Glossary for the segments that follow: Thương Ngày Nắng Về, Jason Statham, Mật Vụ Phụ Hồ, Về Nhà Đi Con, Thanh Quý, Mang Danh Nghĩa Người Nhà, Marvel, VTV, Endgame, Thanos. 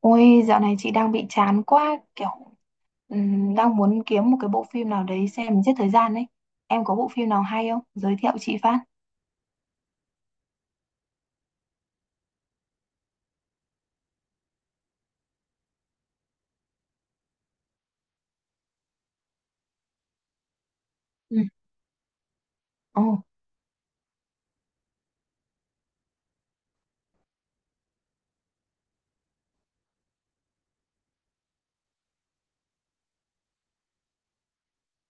Ôi, dạo này chị đang bị chán quá, kiểu đang muốn kiếm một cái bộ phim nào đấy xem giết thời gian ấy. Em có bộ phim nào hay không? Giới thiệu chị phát. Ừ. Ồ,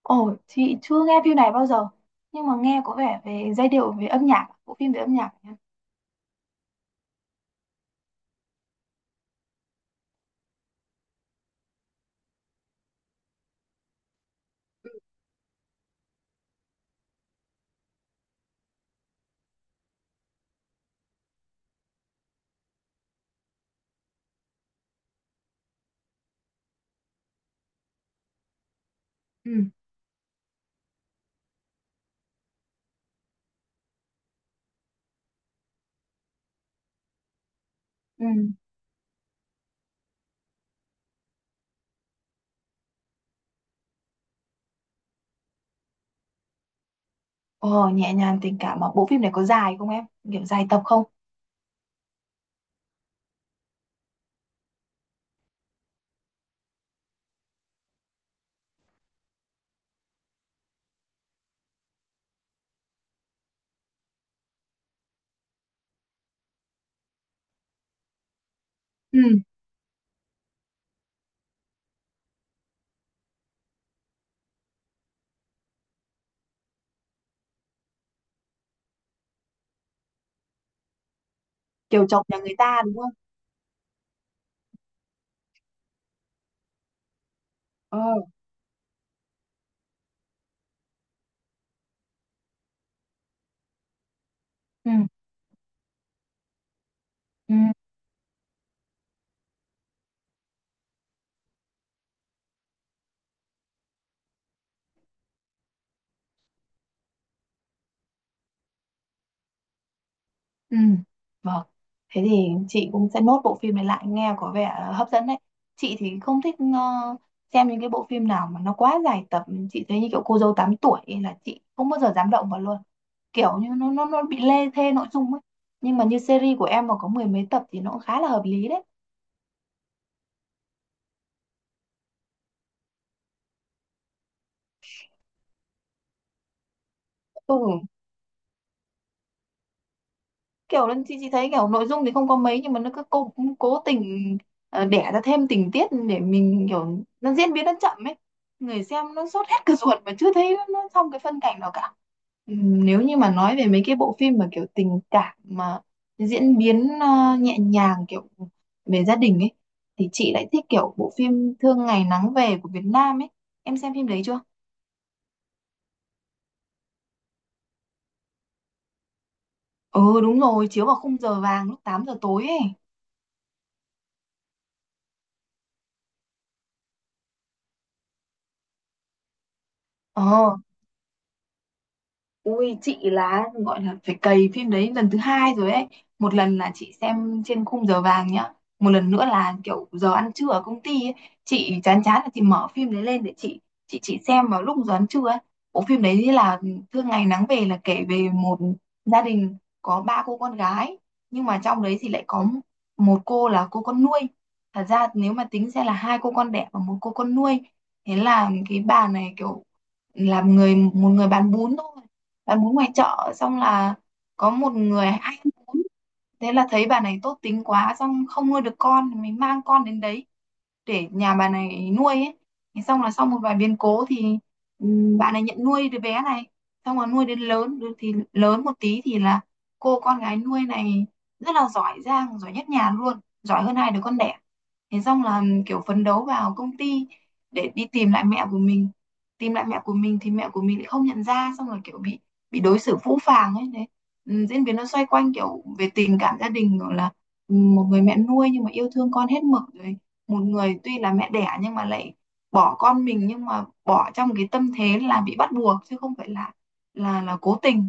ồ, chị chưa nghe phim này bao giờ, nhưng mà nghe có vẻ về giai điệu, về âm nhạc, bộ phim về âm nhạc, nhá. Ừ. Ừ. Ồ, nhẹ nhàng tình cảm mà bộ phim này có dài không em? Kiểu dài tập không? Ừ. Kiểu chồng nhà người ta đúng không? Ờ. Ừ. Ừ. Ừ, vâng. Thế thì chị cũng sẽ nốt bộ phim này lại, nghe có vẻ hấp dẫn đấy. Chị thì không thích xem những cái bộ phim nào mà nó quá dài tập. Chị thấy như kiểu cô dâu 8 tuổi ấy là chị không bao giờ dám động vào luôn. Kiểu như nó bị lê thê nội dung ấy. Nhưng mà như series của em mà có mười mấy tập thì nó cũng khá là hợp lý đấy. Ừ, kiểu là chị thấy kiểu nội dung thì không có mấy nhưng mà nó cứ cố cố tình đẻ ra thêm tình tiết để mình kiểu nó diễn biến nó chậm ấy, người xem nó sốt hết cả ruột mà chưa thấy nó xong cái phân cảnh nào cả. Nếu như mà nói về mấy cái bộ phim mà kiểu tình cảm mà diễn biến nhẹ nhàng kiểu về gia đình ấy thì chị lại thích kiểu bộ phim Thương Ngày Nắng Về của Việt Nam ấy. Em xem phim đấy chưa? Ừ, đúng rồi, chiếu vào khung giờ vàng lúc 8 giờ tối ấy. ờ Ui, chị là gọi là phải cày phim đấy lần thứ hai rồi ấy. Một lần là chị xem trên khung giờ vàng nhá, một lần nữa là kiểu giờ ăn trưa ở công ty ấy. Chị chán chán là chị mở phim đấy lên để chị xem vào lúc giờ ăn trưa ấy. Bộ phim đấy là Thương Ngày Nắng Về, là kể về một gia đình có ba cô con gái, nhưng mà trong đấy thì lại có một cô là cô con nuôi. Thật ra nếu mà tính sẽ là hai cô con đẻ và một cô con nuôi. Thế là cái bà này kiểu là người một người bán bún thôi, bạn muốn ngoài chợ, xong là có một người hay ăn, thế là thấy bà này tốt tính quá, xong không nuôi được con thì mình mang con đến đấy để nhà bà này nuôi ấy. Thế xong là sau một vài biến cố thì bạn này nhận nuôi đứa bé này, xong rồi nuôi đến lớn, đứa thì lớn một tí thì là cô con gái nuôi này rất là giỏi giang, giỏi nhất nhà luôn, giỏi hơn hai đứa con đẻ. Thế xong là kiểu phấn đấu vào công ty để đi tìm lại mẹ của mình. Tìm lại mẹ của mình thì mẹ của mình lại không nhận ra, xong rồi kiểu bị đối xử phũ phàng ấy đấy. Diễn biến nó xoay quanh kiểu về tình cảm gia đình, rồi là một người mẹ nuôi nhưng mà yêu thương con hết mực, rồi một người tuy là mẹ đẻ nhưng mà lại bỏ con mình, nhưng mà bỏ trong cái tâm thế là bị bắt buộc chứ không phải là cố tình.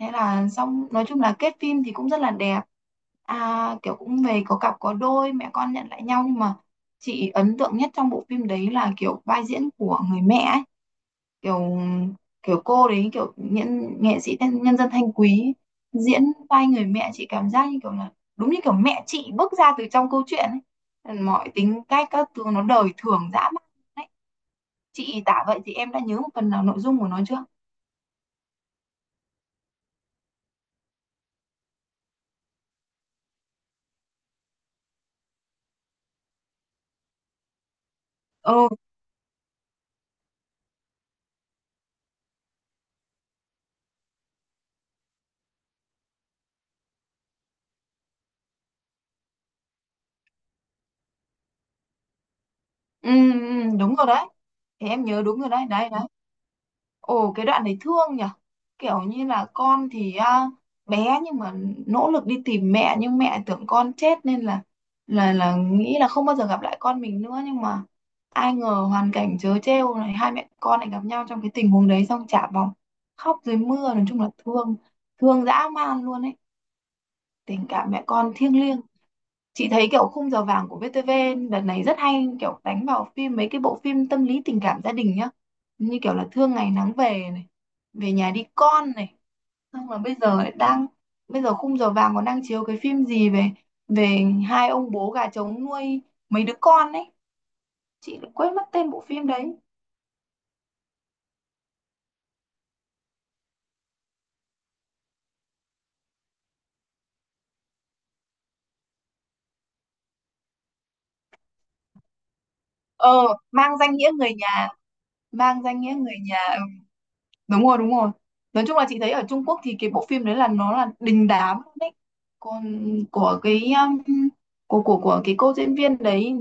Thế là xong, nói chung là kết phim thì cũng rất là đẹp, à, kiểu cũng về có cặp có đôi, mẹ con nhận lại nhau. Nhưng mà chị ấn tượng nhất trong bộ phim đấy là kiểu vai diễn của người mẹ ấy. Kiểu kiểu cô đấy, kiểu nghệ sĩ nhân dân Thanh Quý diễn vai người mẹ, chị cảm giác như kiểu là đúng như kiểu mẹ chị bước ra từ trong câu chuyện ấy, mọi tính cách các thứ nó đời thường dã man. Đấy, chị tả vậy thì em đã nhớ một phần nào nội dung của nó chưa? Ừ, ừ. Ừ, đúng rồi đấy. Thì em nhớ đúng rồi, đấy đấy đấy. Ồ, cái đoạn đấy thương nhở, kiểu như là con thì à, bé nhưng mà nỗ lực đi tìm mẹ, nhưng mẹ tưởng con chết nên là nghĩ là không bao giờ gặp lại con mình nữa, nhưng mà ai ngờ hoàn cảnh trớ trêu này hai mẹ con lại gặp nhau trong cái tình huống đấy, xong chả vòng, khóc dưới mưa, nói chung là thương, thương dã man luôn ấy. Tình cảm mẹ con thiêng liêng. Chị thấy kiểu khung giờ vàng của VTV đợt này rất hay, kiểu đánh vào phim, mấy cái bộ phim tâm lý tình cảm gia đình nhá. Như kiểu là Thương Ngày Nắng Về này, Về Nhà Đi Con này. Xong là bây giờ lại đang, bây giờ khung giờ vàng còn đang chiếu cái phim gì về về hai ông bố gà trống nuôi mấy đứa con ấy. Chị lại quên mất tên bộ phim đấy. Ờ, mang danh nghĩa người nhà, mang danh nghĩa người nhà, đúng rồi, đúng rồi. Nói chung là chị thấy ở Trung Quốc thì cái bộ phim đấy là nó là đình đám luôn đấy. Còn của cái của của cái cô diễn viên đấy,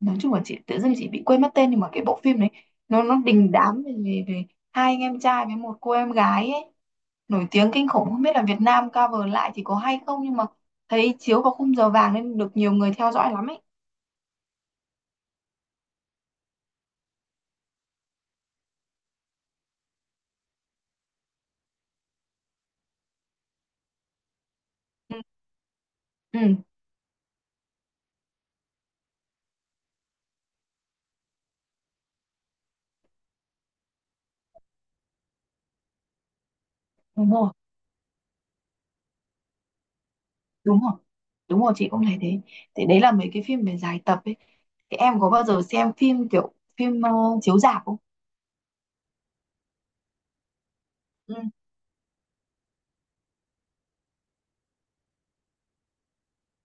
nói chung là chị tự dưng chị bị quên mất tên, nhưng mà cái bộ phim đấy nó đình đám về, về, về hai anh em trai với một cô em gái ấy, nổi tiếng kinh khủng. Không biết là Việt Nam cover lại thì có hay không, nhưng mà thấy chiếu vào khung giờ vàng nên được nhiều người theo dõi lắm ấy. Ừ, ừ. Đúng rồi, đúng rồi, đúng rồi, chị cũng thấy thế. Thì đấy là mấy cái phim về dài tập ấy, thì em có bao giờ xem phim kiểu phim chiếu rạp không? Ừ.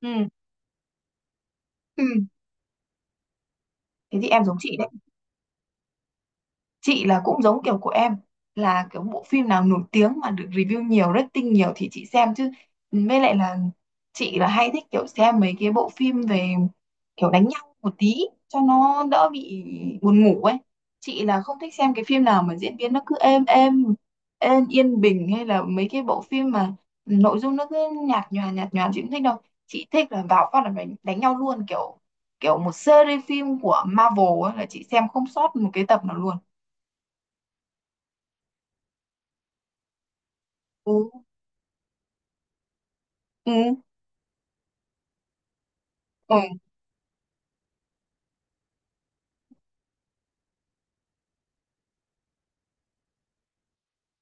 Ừ. Ừ. Thế thì em giống chị đấy, chị là cũng giống kiểu của em, là kiểu bộ phim nào nổi tiếng mà được review nhiều, rating nhiều thì chị xem. Chứ với lại là chị là hay thích kiểu xem mấy cái bộ phim về kiểu đánh nhau một tí cho nó đỡ bị buồn ngủ ấy. Chị là không thích xem cái phim nào mà diễn biến nó cứ êm êm, êm yên bình, hay là mấy cái bộ phim mà nội dung nó cứ nhạt nhòa nhạt nhòa, chị không thích đâu. Chị thích là vào phát là phải đánh nhau luôn, kiểu kiểu một series phim của Marvel ấy, là chị xem không sót một cái tập nào luôn. Ừ. Ừ. Ừ.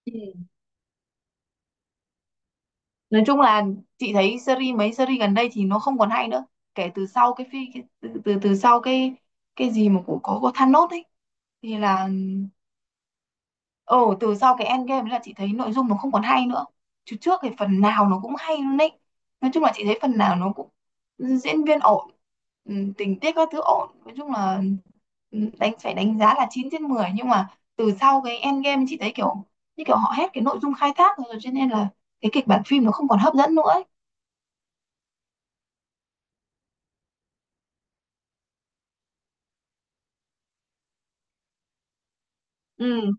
Ừ. Nói chung là chị thấy series, mấy series gần đây thì nó không còn hay nữa, kể từ sau cái phi cái, từ, từ từ sau cái gì mà của có Thanos ấy thì là, ừ từ sau cái Endgame ấy là chị thấy nội dung nó không còn hay nữa. Chứ trước thì phần nào nó cũng hay luôn đấy. Nói chung là chị thấy phần nào nó cũng diễn viên ổn, tình tiết các thứ ổn. Nói chung là đánh phải đánh giá là 9/10, nhưng mà từ sau cái Endgame chị thấy kiểu như kiểu họ hết cái nội dung khai thác rồi, cho nên là cái kịch bản phim nó không còn hấp dẫn nữa ấy. Ừ.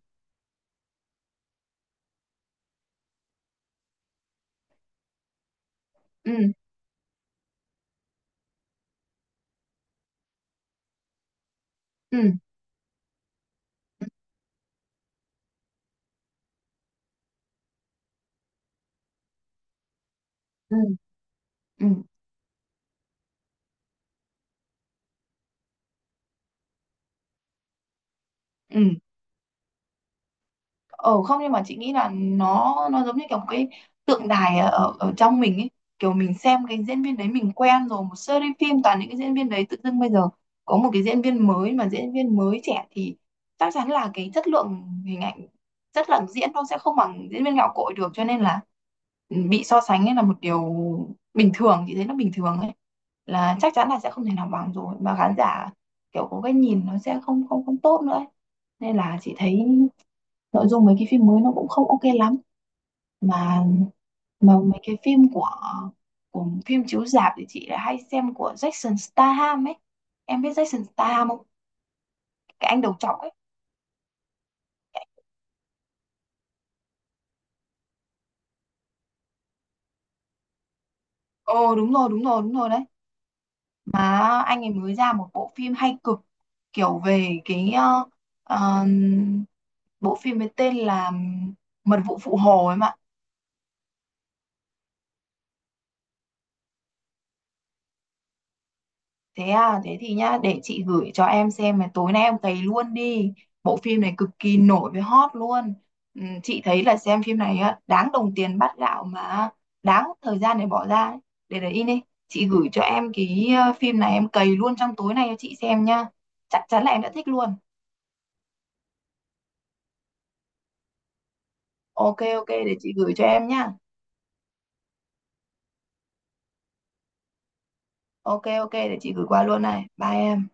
Ừ, ừ, ừ, ừ, ừ. Ừ. ờ Không, nhưng mà chị nghĩ là nó giống như kiểu một cái tượng đài ở ở trong mình ấy, kiểu mình xem cái diễn viên đấy mình quen rồi, một series phim toàn những cái diễn viên đấy, tự dưng bây giờ có một cái diễn viên mới mà diễn viên mới trẻ thì chắc chắn là cái chất lượng hình ảnh, chất lượng diễn nó sẽ không bằng diễn viên gạo cội được, cho nên là bị so sánh ấy là một điều bình thường, chị thấy nó bình thường ấy, là chắc chắn là sẽ không thể nào bằng rồi. Mà khán giả kiểu có cái nhìn nó sẽ không không không tốt nữa ấy. Nên là chị thấy nội dung mấy cái phim mới nó cũng không ok lắm. Mà mà mấy cái phim của phim chiếu rạp thì chị lại hay xem của Jason Statham ấy. Em biết Jason Statham không? Cái anh đầu trọc ấy. Ồ đúng rồi, đúng rồi, đúng rồi đấy. Mà anh ấy mới ra một bộ phim hay cực, kiểu về cái ờ, bộ phim với tên là Mật Vụ Phụ Hồ ấy mà. Thế à, thế thì nhá, để chị gửi cho em xem này, tối nay em cày luôn đi. Bộ phim này cực kỳ nổi với hot luôn. Ừ, chị thấy là xem phim này á, đáng đồng tiền bát gạo mà đáng thời gian để bỏ ra ấy. Để đấy in đi, chị gửi cho em cái phim này em cày luôn trong tối nay cho chị xem nhá. Chắc chắn là em đã thích luôn. Ok, ok, để chị gửi cho em nhá. Ok, ok, để chị gửi qua luôn này. Bye em.